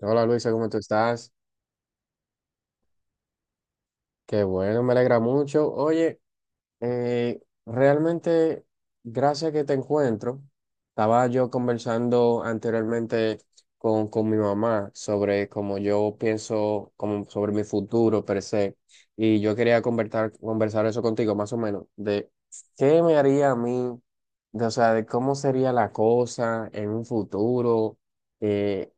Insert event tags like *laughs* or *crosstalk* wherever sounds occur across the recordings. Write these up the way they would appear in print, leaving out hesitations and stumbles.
Hola Luisa, ¿cómo tú estás? Qué bueno, me alegra mucho. Oye, realmente, gracias que te encuentro. Estaba yo conversando anteriormente con mi mamá sobre cómo yo pienso como sobre mi futuro per se. Y yo quería conversar eso contigo, más o menos, de qué me haría a mí, de, o sea, de cómo sería la cosa en un futuro. eh,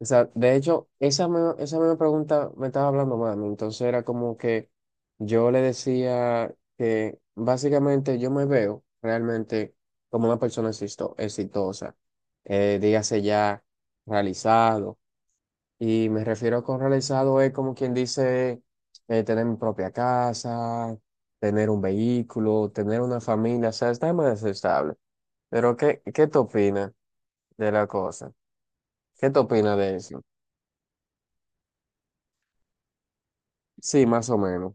O sea, de hecho, esa misma pregunta me estaba hablando mami. Entonces era como que yo le decía que básicamente yo me veo realmente como una persona exitosa, dígase ya realizado. Y me refiero con realizado es como quien dice tener mi propia casa, tener un vehículo, tener una familia, o sea, está más estable. Pero ¿qué te opinas de la cosa? ¿Qué te opinas de eso? Sí, más o menos.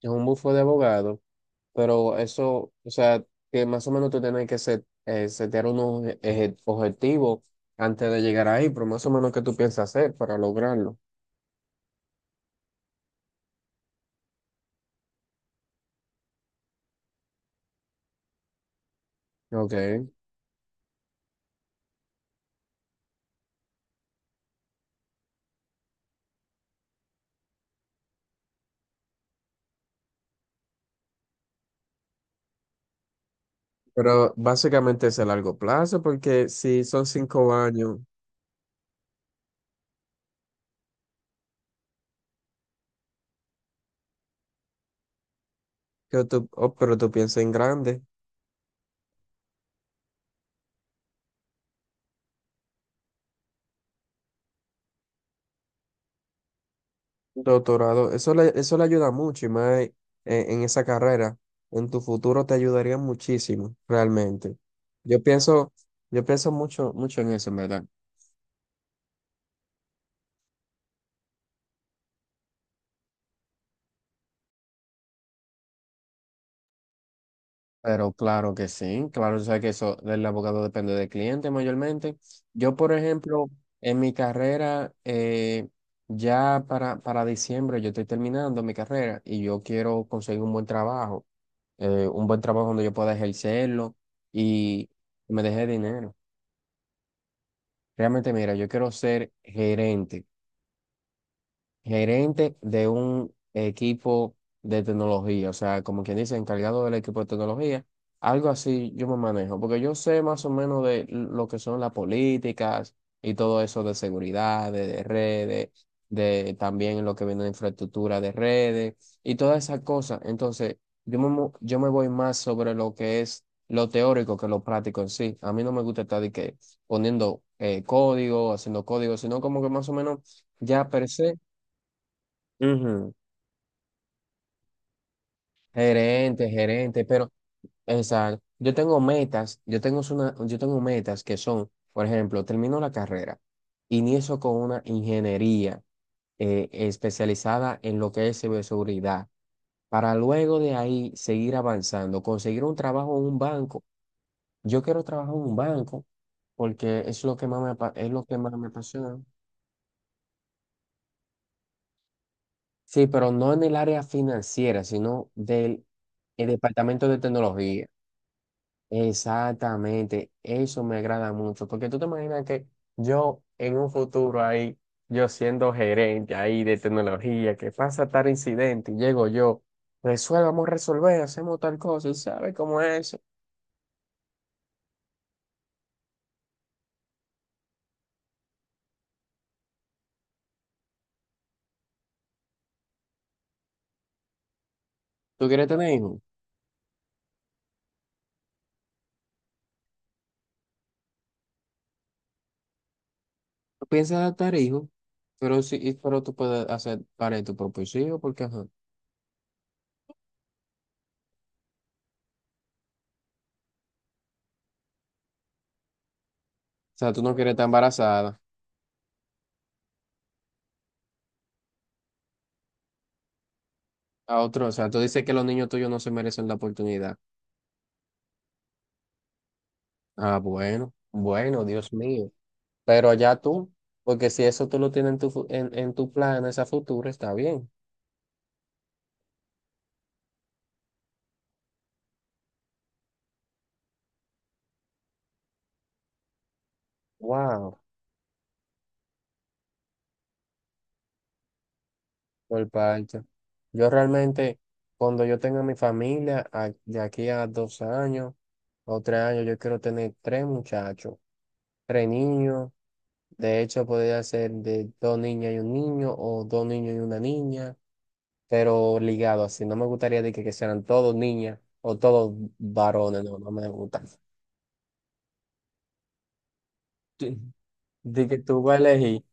Es un bufo de abogado, pero eso, o sea, que más o menos tú tienes que setear unos objetivos antes de llegar ahí, pero más o menos qué tú piensas hacer para lograrlo. Ok. Pero básicamente es a largo plazo, porque si son 5 años, que tú, oh, pero tú piensas en grande, doctorado, eso le ayuda mucho y más en esa carrera, en tu futuro te ayudaría muchísimo, realmente. Yo pienso, yo pienso mucho, mucho en eso, en verdad. Pero claro que sí, claro, tú sabes que eso del abogado depende del cliente mayormente. Yo, por ejemplo, en mi carrera, ya para diciembre yo estoy terminando mi carrera y yo quiero conseguir un buen trabajo donde yo pueda ejercerlo y me deje dinero. Realmente, mira, yo quiero ser gerente de un equipo de tecnología, o sea, como quien dice, encargado del equipo de tecnología, algo así yo me manejo, porque yo sé más o menos de lo que son las políticas y todo eso de seguridad, de redes, de también lo que viene de infraestructura de redes y todas esas cosas. Entonces, yo me voy más sobre lo que es lo teórico que lo práctico en sí. A mí no me gusta estar de que poniendo código, haciendo código, sino como que más o menos ya per se. Ujú. Gerente, gerente, pero exacto. Yo tengo metas, yo tengo una, yo tengo metas que son, por ejemplo, termino la carrera, inicio con una ingeniería especializada en lo que es ciberseguridad, para luego de ahí seguir avanzando, conseguir un trabajo en un banco. Yo quiero trabajar en un banco porque es lo que más es lo que más me apasiona. Sí, pero no en el área financiera, sino del el departamento de tecnología. Exactamente, eso me agrada mucho, porque tú te imaginas que yo en un futuro ahí, yo siendo gerente ahí de tecnología, que pasa tal incidente y llego yo, resuelva, vamos a resolver, hacemos tal cosa, y sabes cómo es eso. ¿Tú quieres tener hijos? ¿Tú piensas adoptar hijos? Pero sí, pero tú puedes hacer para tu propio hijo, porque ajá. O sea, tú no quieres estar embarazada a otro, o sea, tú dices que los niños tuyos no se merecen la oportunidad. Ah, bueno, bueno, Dios mío. Pero ya tú, porque si eso tú lo tienes en tu, fu- en tu plan, esa futura, está bien. Wow, por parte. Yo realmente, cuando yo tenga mi familia, de aquí a 2 años o 3 años, yo quiero tener tres muchachos, tres niños. De hecho, podría ser de dos niñas y un niño, o dos niños y una niña, pero ligado así. No me gustaría de que sean todos niñas o todos varones, no, no me gusta. *laughs* De que tú vas a elegir.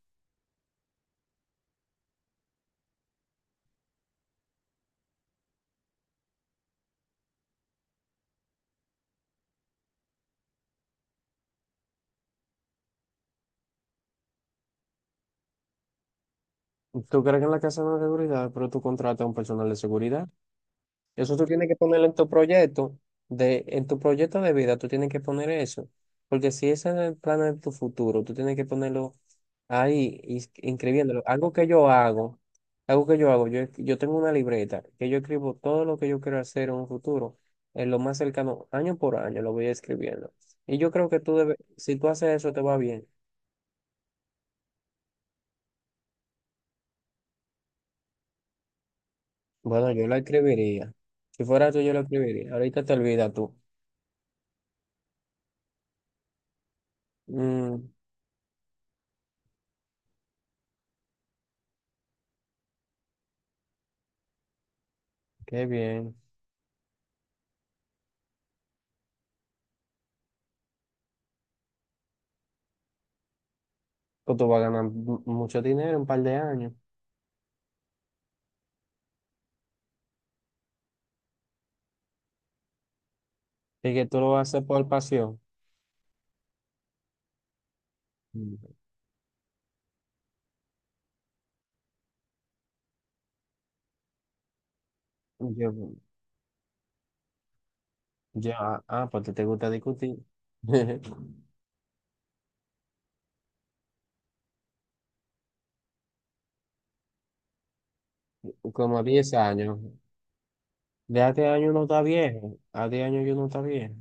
Tú crees que en la casa no hay seguridad, pero tú contratas a un personal de seguridad. Eso tú tienes que ponerlo en tu proyecto de vida, tú tienes que poner eso. Porque si ese es el plan de tu futuro, tú tienes que ponerlo ahí, inscribiéndolo. Algo que yo hago, yo tengo una libreta que yo escribo todo lo que yo quiero hacer en un futuro, en lo más cercano, año por año, lo voy escribiendo. Y yo creo que tú debes, si tú haces eso, te va bien. Bueno, yo lo escribiría. Si fuera tú, yo lo escribiría. Ahorita te olvidas tú. Mm. Qué bien. Pues tú vas a ganar mucho dinero en un par de años. Y que tú lo vas a hacer por pasión. Mm. Yo, porque te gusta discutir. *laughs* Como a 10 años. De a 10 años no está viejo. A 10 años yo no está viejo.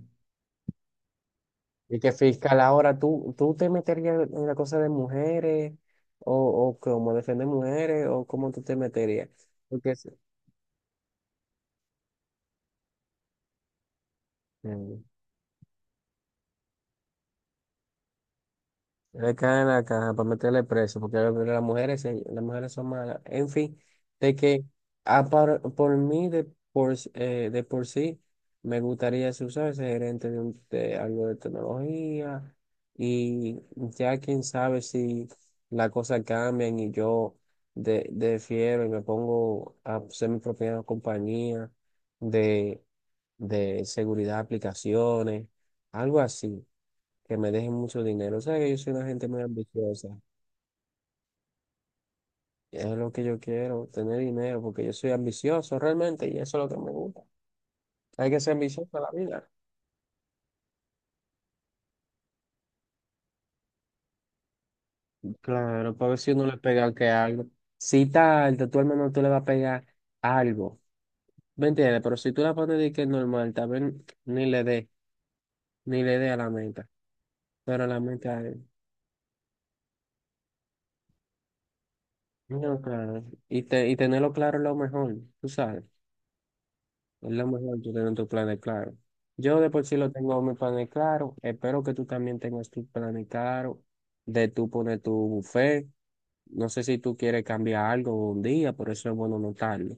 Y que fiscal, ahora tú te meterías en la cosa de mujeres o cómo defender mujeres o cómo tú te meterías. Porque, es- eh, Le caen la caja para meterle preso, porque las mujeres, las mujeres son malas. En fin, de que por mí, de por sí, me gustaría ser, ¿sabes? Ser gerente de algo de tecnología. Y ya quién sabe si las cosas cambian y yo defiero y me pongo a ser mi propia compañía de, de, seguridad de aplicaciones, algo así que me dejen mucho dinero. O sea que yo soy una gente muy ambiciosa. Es lo que yo quiero, tener dinero, porque yo soy ambicioso realmente y eso es lo que me gusta. Hay que ser ambicioso en la vida. Claro, para ver si uno le pega que algo. Si tarde, tú al menos tú le vas a pegar algo. ¿Me entiendes? Pero si tú la pones de que es normal, tal vez ni le dé, ni le dé a la meta. Pero la meta es. No, claro. Y tenerlo claro es lo mejor, tú sabes. Es lo mejor tú tener tus planes claros. Yo de por sí lo tengo mis planes claros. Espero que tú también tengas tus planes claros de tú poner tu buffet. No sé si tú quieres cambiar algo un día, por eso es bueno notarlo.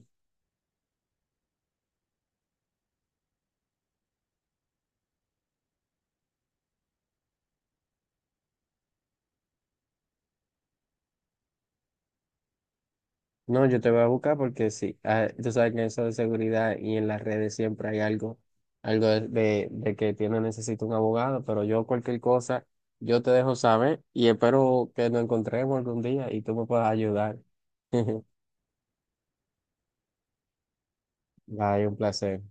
No, yo te voy a buscar porque sí, tú sabes que en eso de seguridad y en las redes siempre hay algo, algo de que tiene necesito un abogado, pero yo cualquier cosa, yo te dejo saber y espero que nos encontremos algún día y tú me puedas ayudar. *laughs* Bye, un placer.